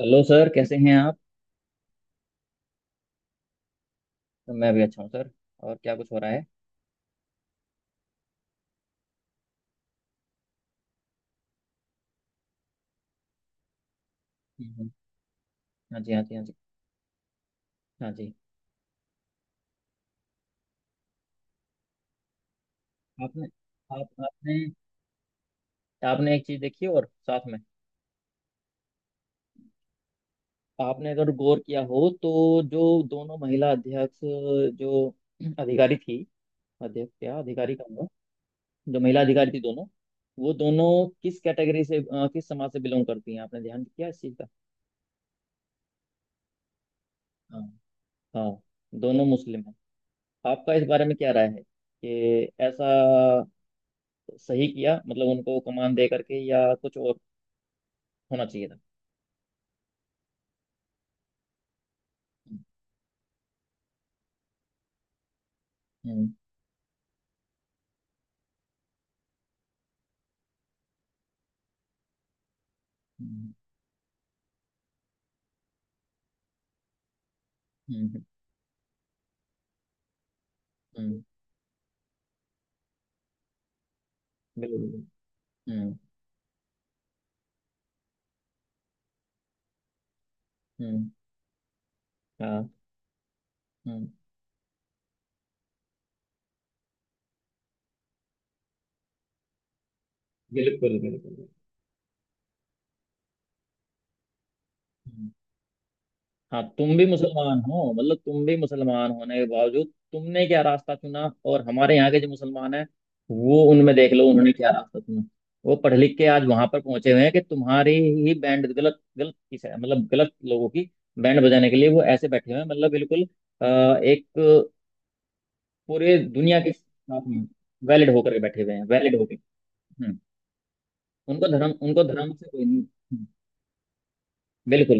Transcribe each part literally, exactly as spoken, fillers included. Hello sir, कैसे हैं आप? मैं भी अच्छा हूँ सर। और क्या कुछ हो रहा है? हम्म, हाँ जी हाँ जी हाँ जी हाँ जी। आपने आप आपने आपने एक चीज़ देखी और साथ में, आपने अगर गौर किया हो तो जो दोनों महिला अध्यक्ष, जो अधिकारी थी, अध्यक्ष क्या अधिकारी कहूँगा, जो महिला अधिकारी थी दोनों, वो दोनों किस कैटेगरी से, अ, किस समाज से बिलोंग करती हैं, आपने ध्यान किया इस चीज़ का? हाँ। हाँ। दोनों मुस्लिम हैं। आपका इस बारे में क्या राय है कि ऐसा सही किया, मतलब उनको कमान दे करके, या कुछ और होना चाहिए था? हम्म। हम्म। हम्म। हम्म। हम्म। बिल्कुल बिल्कुल। हम्म। हम्म। हाँ। हम्म। बिल्कुल बिल्कुल बिल्कुल। हम्म। हाँ, तुम भी मुसलमान हो, मतलब तुम भी मुसलमान होने के बावजूद तुमने क्या रास्ता चुना, और हमारे यहाँ के जो मुसलमान हैं वो, उनमें देख लो उन्होंने क्या रास्ता चुना। वो पढ़ लिख के आज वहां पर पहुंचे हुए हैं कि तुम्हारी ही बैंड, गलत गलत किस है, मतलब गलत लोगों की बैंड बजाने के लिए वो ऐसे बैठे हुए हैं, मतलब बिल्कुल अ, एक पूरे दुनिया के साथ में वैलिड होकर के बैठे हुए हैं, वैलिड होके। हम्म। उनको धर्म उनको धर्म से कोई नहीं। हम्म। बिल्कुल।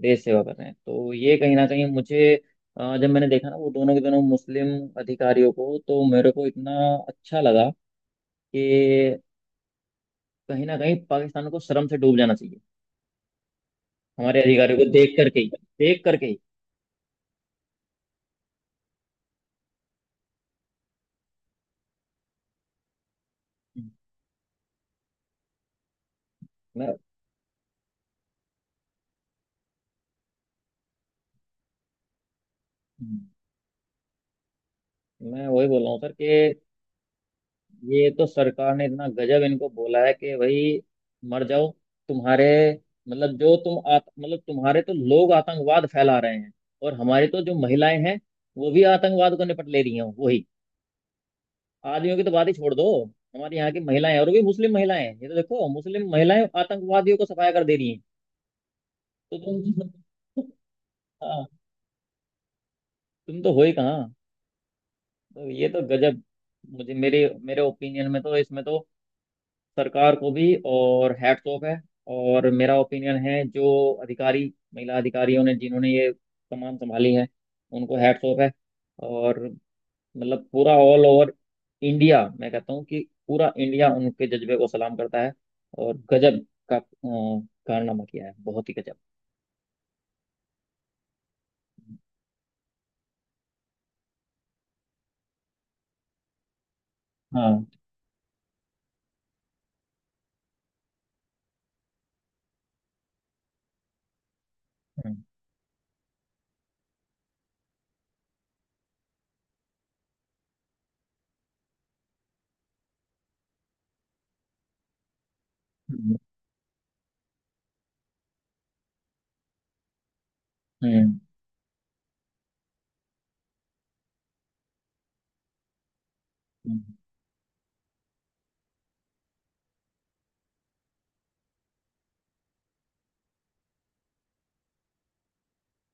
देश सेवा कर रहे हैं, तो ये कहीं ना कहीं मुझे, अ, जब मैंने देखा ना वो दोनों के दोनों मुस्लिम अधिकारियों को, तो मेरे को इतना अच्छा लगा कि कहीं ना कहीं पाकिस्तान को शर्म से डूब जाना चाहिए हमारे अधिकारियों को देख करके ही, देख करके ही। हम्म। मैं हम्म, मैं वही बोल रहा हूँ सर, कि ये तो सरकार ने इतना गजब इनको बोला है, कि भाई मर जाओ। तुम्हारे, मतलब जो तुम आत, मतलब तुम्हारे तो लोग आतंकवाद फैला रहे हैं, और हमारी तो जो महिलाएं हैं वो भी आतंकवाद को निपट ले रही हैं। वही, आदमियों की तो बात ही छोड़ दो, हमारे यहाँ की महिलाएं, और वो भी मुस्लिम महिलाएं हैं, ये तो देखो, मुस्लिम महिलाएं आतंकवादियों को सफाया कर दे रही हैं। तो तुम हाँ, तुम तो हो ही कहाँ। तो ये तो गजब, मुझे मेरे मेरे ओपिनियन में तो इसमें तो सरकार को भी और हैट्स ऑफ है, और मेरा ओपिनियन है, जो अधिकारी, महिला अधिकारियों ने जिन्होंने ये कमान संभाली है उनको हैट्स ऑफ है। और मतलब पूरा ऑल ओवर इंडिया, मैं कहता हूँ कि पूरा इंडिया उनके जज्बे को सलाम करता है। और गजब का अ, कारनामा किया है, बहुत ही गजब। हाँ। हम्म। हम्म। हम्म। हम्म।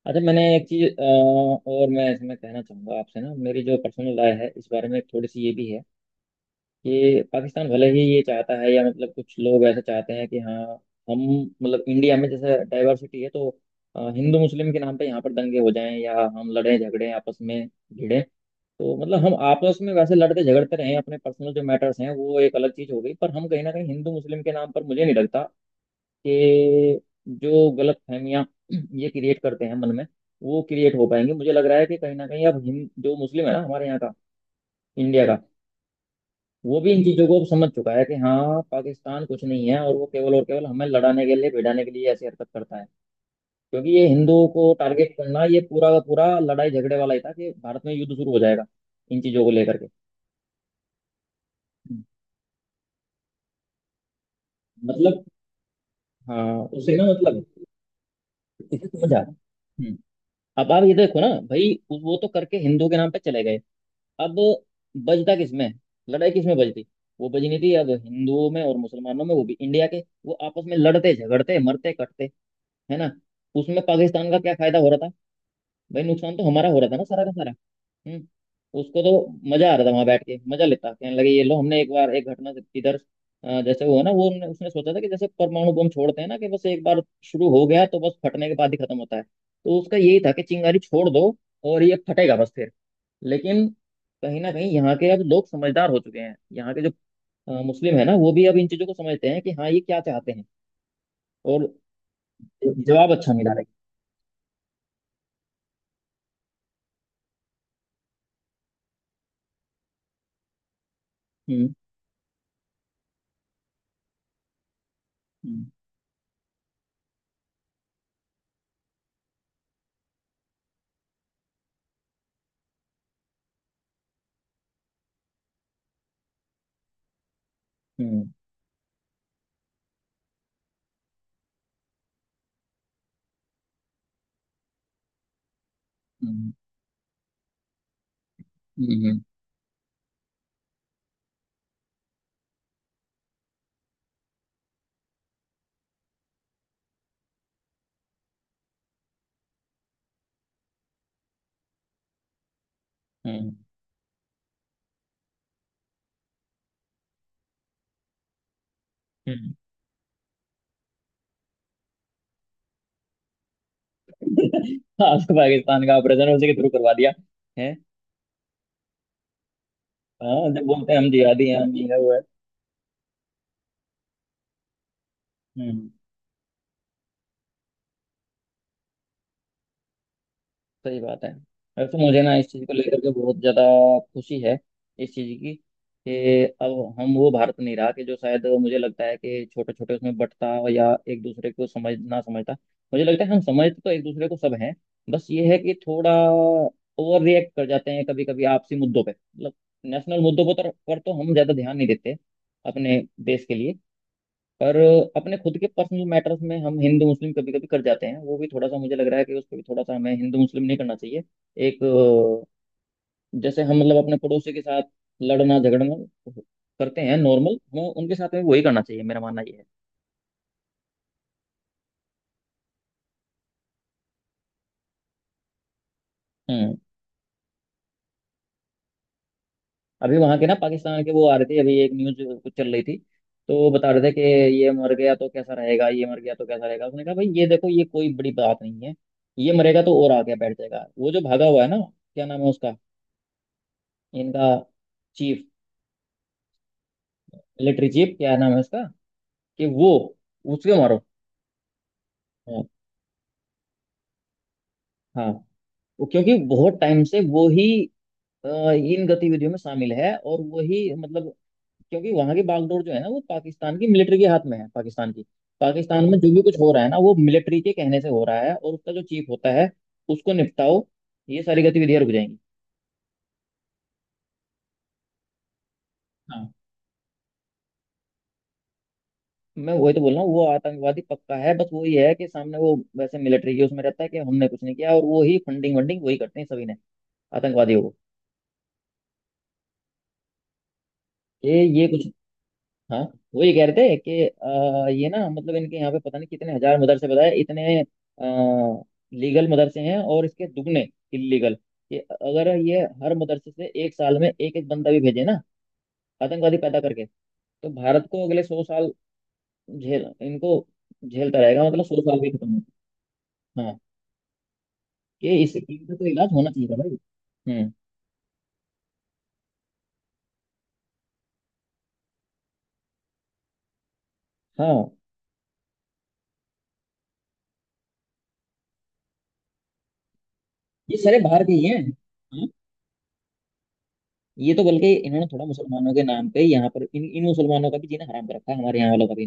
अच्छा, मैंने एक चीज और मैं इसमें कहना चाहूंगा आपसे ना, मेरी जो पर्सनल राय है इस बारे में, थोड़ी सी ये भी है ये पाकिस्तान, भले ही ये चाहता है, या मतलब कुछ लोग ऐसे चाहते हैं कि हाँ हम, मतलब इंडिया में जैसे डाइवर्सिटी है, तो अ, हिंदू मुस्लिम के नाम पे यहाँ पर दंगे हो जाएं, या हम लड़ें झगड़ें आपस में भिड़ें, तो मतलब हम आपस में वैसे लड़ते झगड़ते रहें, अपने पर्सनल जो मैटर्स हैं वो एक अलग चीज़ हो गई, पर हम कहीं ना कहीं हिंदू मुस्लिम के नाम पर, मुझे नहीं लगता कि जो गलत फहमियाँ ये क्रिएट करते हैं मन में, वो क्रिएट हो पाएंगी। मुझे लग रहा है कि कहीं ना कहीं अब हिंद, जो मुस्लिम है ना हमारे यहाँ का, इंडिया का, वो भी इन चीजों को समझ चुका है कि हाँ पाकिस्तान कुछ नहीं है, और वो केवल और केवल हमें लड़ाने के लिए, भिड़ाने के लिए ऐसी हरकत करता है। क्योंकि ये हिंदुओं को टारगेट करना, ये पूरा का पूरा लड़ाई झगड़े वाला ही था, कि भारत में युद्ध शुरू हो जाएगा इन चीजों को लेकर के। हम्म, मतलब हाँ, उसे ना, मतलब इसे समझ आ रहा। हम्म। अब आप ये देखो ना भाई, वो तो करके हिंदुओं के नाम पे चले गए। अब बजता किसमें? लड़ाई किसमें बजती? वो बजनी थी अब हिंदुओं में और मुसलमानों में, वो भी इंडिया के। वो आपस में लड़ते झगड़ते मरते कटते, है ना? उसमें पाकिस्तान का क्या फायदा हो रहा था? भाई नुकसान तो हमारा हो रहा था ना, सारा का सारा। हम्म। उसको तो मजा आ रहा था वहां बैठ के, मजा लेता, कहने लगे ये लो हमने एक बार, एक घटना से- इधर अ, जैसे हुआ ना वो, हमने, उसने सोचा था कि जैसे परमाणु बम छोड़ते हैं ना, कि बस एक बार शुरू हो गया तो बस फटने के बाद ही खत्म होता है, तो उसका यही था कि चिंगारी छोड़ दो और ये फटेगा बस, फिर। लेकिन कहीं ना कहीं यहाँ के अब लोग समझदार हो चुके हैं, यहाँ के जो अ, मुस्लिम है ना, वो भी अब इन चीजों को समझते हैं कि हाँ ये क्या चाहते हैं। और जवाब अच्छा मिला है। हम्म। हम्म। हम्म। हम्म। हम्म। हम्म। हम्म। हम्म। आपको पाकिस्तान का ऑपरेशन उसी के थ्रू करवा दिया है। हाँ, जब बोलते हैं हम जिहादी हैं, हम ये है वो है। हम्म। सही बात है। वैसे तो मुझे ना इस चीज़ को लेकर के बहुत ज़्यादा खुशी है इस चीज़ की, कि अब हम वो भारत नहीं रहा, कि जो शायद मुझे लगता है कि छोटे छोटे उसमें बंटता, या एक दूसरे को समझ ना समझता। मुझे लगता है हम समझते तो एक दूसरे को सब हैं, बस ये है कि थोड़ा ओवर रिएक्ट कर जाते हैं कभी कभी आपसी मुद्दों पे। मतलब नेशनल मुद्दों पर पर तो हम ज़्यादा ध्यान नहीं देते अपने देश के लिए, पर अपने खुद के पर्सनल मैटर्स में हम हिंदू मुस्लिम कभी कभी कर जाते हैं, वो भी थोड़ा सा मुझे लग रहा है कि उस पर भी थोड़ा सा हमें हिंदू मुस्लिम नहीं करना चाहिए। एक अ, जैसे हम, मतलब अपने पड़ोसी के साथ लड़ना झगड़ना करते हैं नॉर्मल, हमें उनके साथ में वही करना चाहिए, मेरा मानना ये है। हम्म। अभी वहां के ना, पाकिस्तान के वो आ रहे थे, अभी एक न्यूज कुछ चल रही थी, तो वो बता रहे थे कि ये मर गया तो कैसा रहेगा, ये मर गया तो कैसा रहेगा, उसने कहा भाई ये देखो ये कोई बड़ी बात नहीं है, ये मरेगा तो और आगे बैठ जाएगा, वो जो भागा हुआ है ना, क्या नाम है उसका, इनका चीफ, मिलिट्री चीफ, क्या नाम है उसका, कि वो, उसके मारो। हाँ। हाँ। वो क्योंकि बहुत टाइम से वो ही अ, इन गतिविधियों में शामिल है, और वही मतलब, क्योंकि वहां की बागडोर जो है ना वो पाकिस्तान की मिलिट्री के हाथ में है, पाकिस्तान की। पाकिस्तान में जो भी कुछ हो रहा है ना वो मिलिट्री के कहने से हो रहा है, और उसका जो चीफ होता है उसको निपटाओ, ये सारी गतिविधियां रुक जाएंगी। हाँ, मैं वही तो बोल रहा हूँ, वो आतंकवादी पक्का है, बस वही है कि सामने वो वैसे मिलिट्री के उसमें रहता है कि हमने कुछ नहीं किया, और वो ही फंडिंग वंडिंग वही करते हैं सभी ने आतंकवादियों को। ये ये कुछ। हाँ, वो ये कह रहे थे कि, अ, ये ना, मतलब इनके यहाँ पे पता नहीं कितने हजार मदरसे बताए, इतने लीगल मदरसे हैं और इसके दुगने इलीगल, कि अगर ये हर मदरसे से एक साल में एक एक बंदा भी भेजे ना, आतंकवादी पैदा करके, तो भारत को अगले सौ साल, झेल इनको, झेलता रहेगा, मतलब सौ साल भी खत्म होगा। हाँ। कि इस इनका तो इलाज होना चाहिए था भाई। हम्म। हाँ, ये सारे बाहर के ही हैं, हाँ। ये तो बल्कि इन्होंने थोड़ा मुसलमानों के नाम पे यहाँ पर इन इन मुसलमानों का भी जीना हराम कर रखा है, हमारे यहाँ वालों का भी।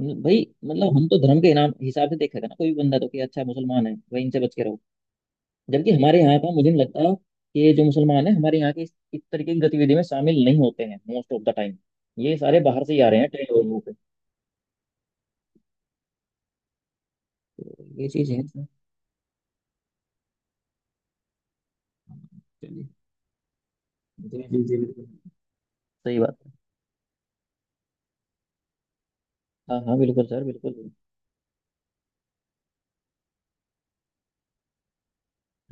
मतलब भाई, मतलब हम तो धर्म के इनाम हिसाब से देखेगा ना कोई भी बंदा, तो कि अच्छा मुसलमान है भाई इनसे बच के रहो, जबकि हमारे यहाँ का, मुझे नहीं लगता कि ये जो मुसलमान है हमारे यहाँ के, इस, इस तरीके की गतिविधि में शामिल नहीं होते हैं मोस्ट ऑफ द टाइम। ये सारे बाहर से ही आ रहे हैं ट्रेन वगैरह पे, तो ये चीज है इसमें। चलिए, जी जी जी बिल्कुल। सही बात है। हाँ हाँ बिल्कुल सर बिल्कुल।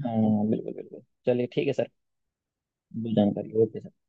हाँ बिल्कुल बिल्कुल, चलिए ठीक है सर। बिल्कुल, जानकारी, ओके सर।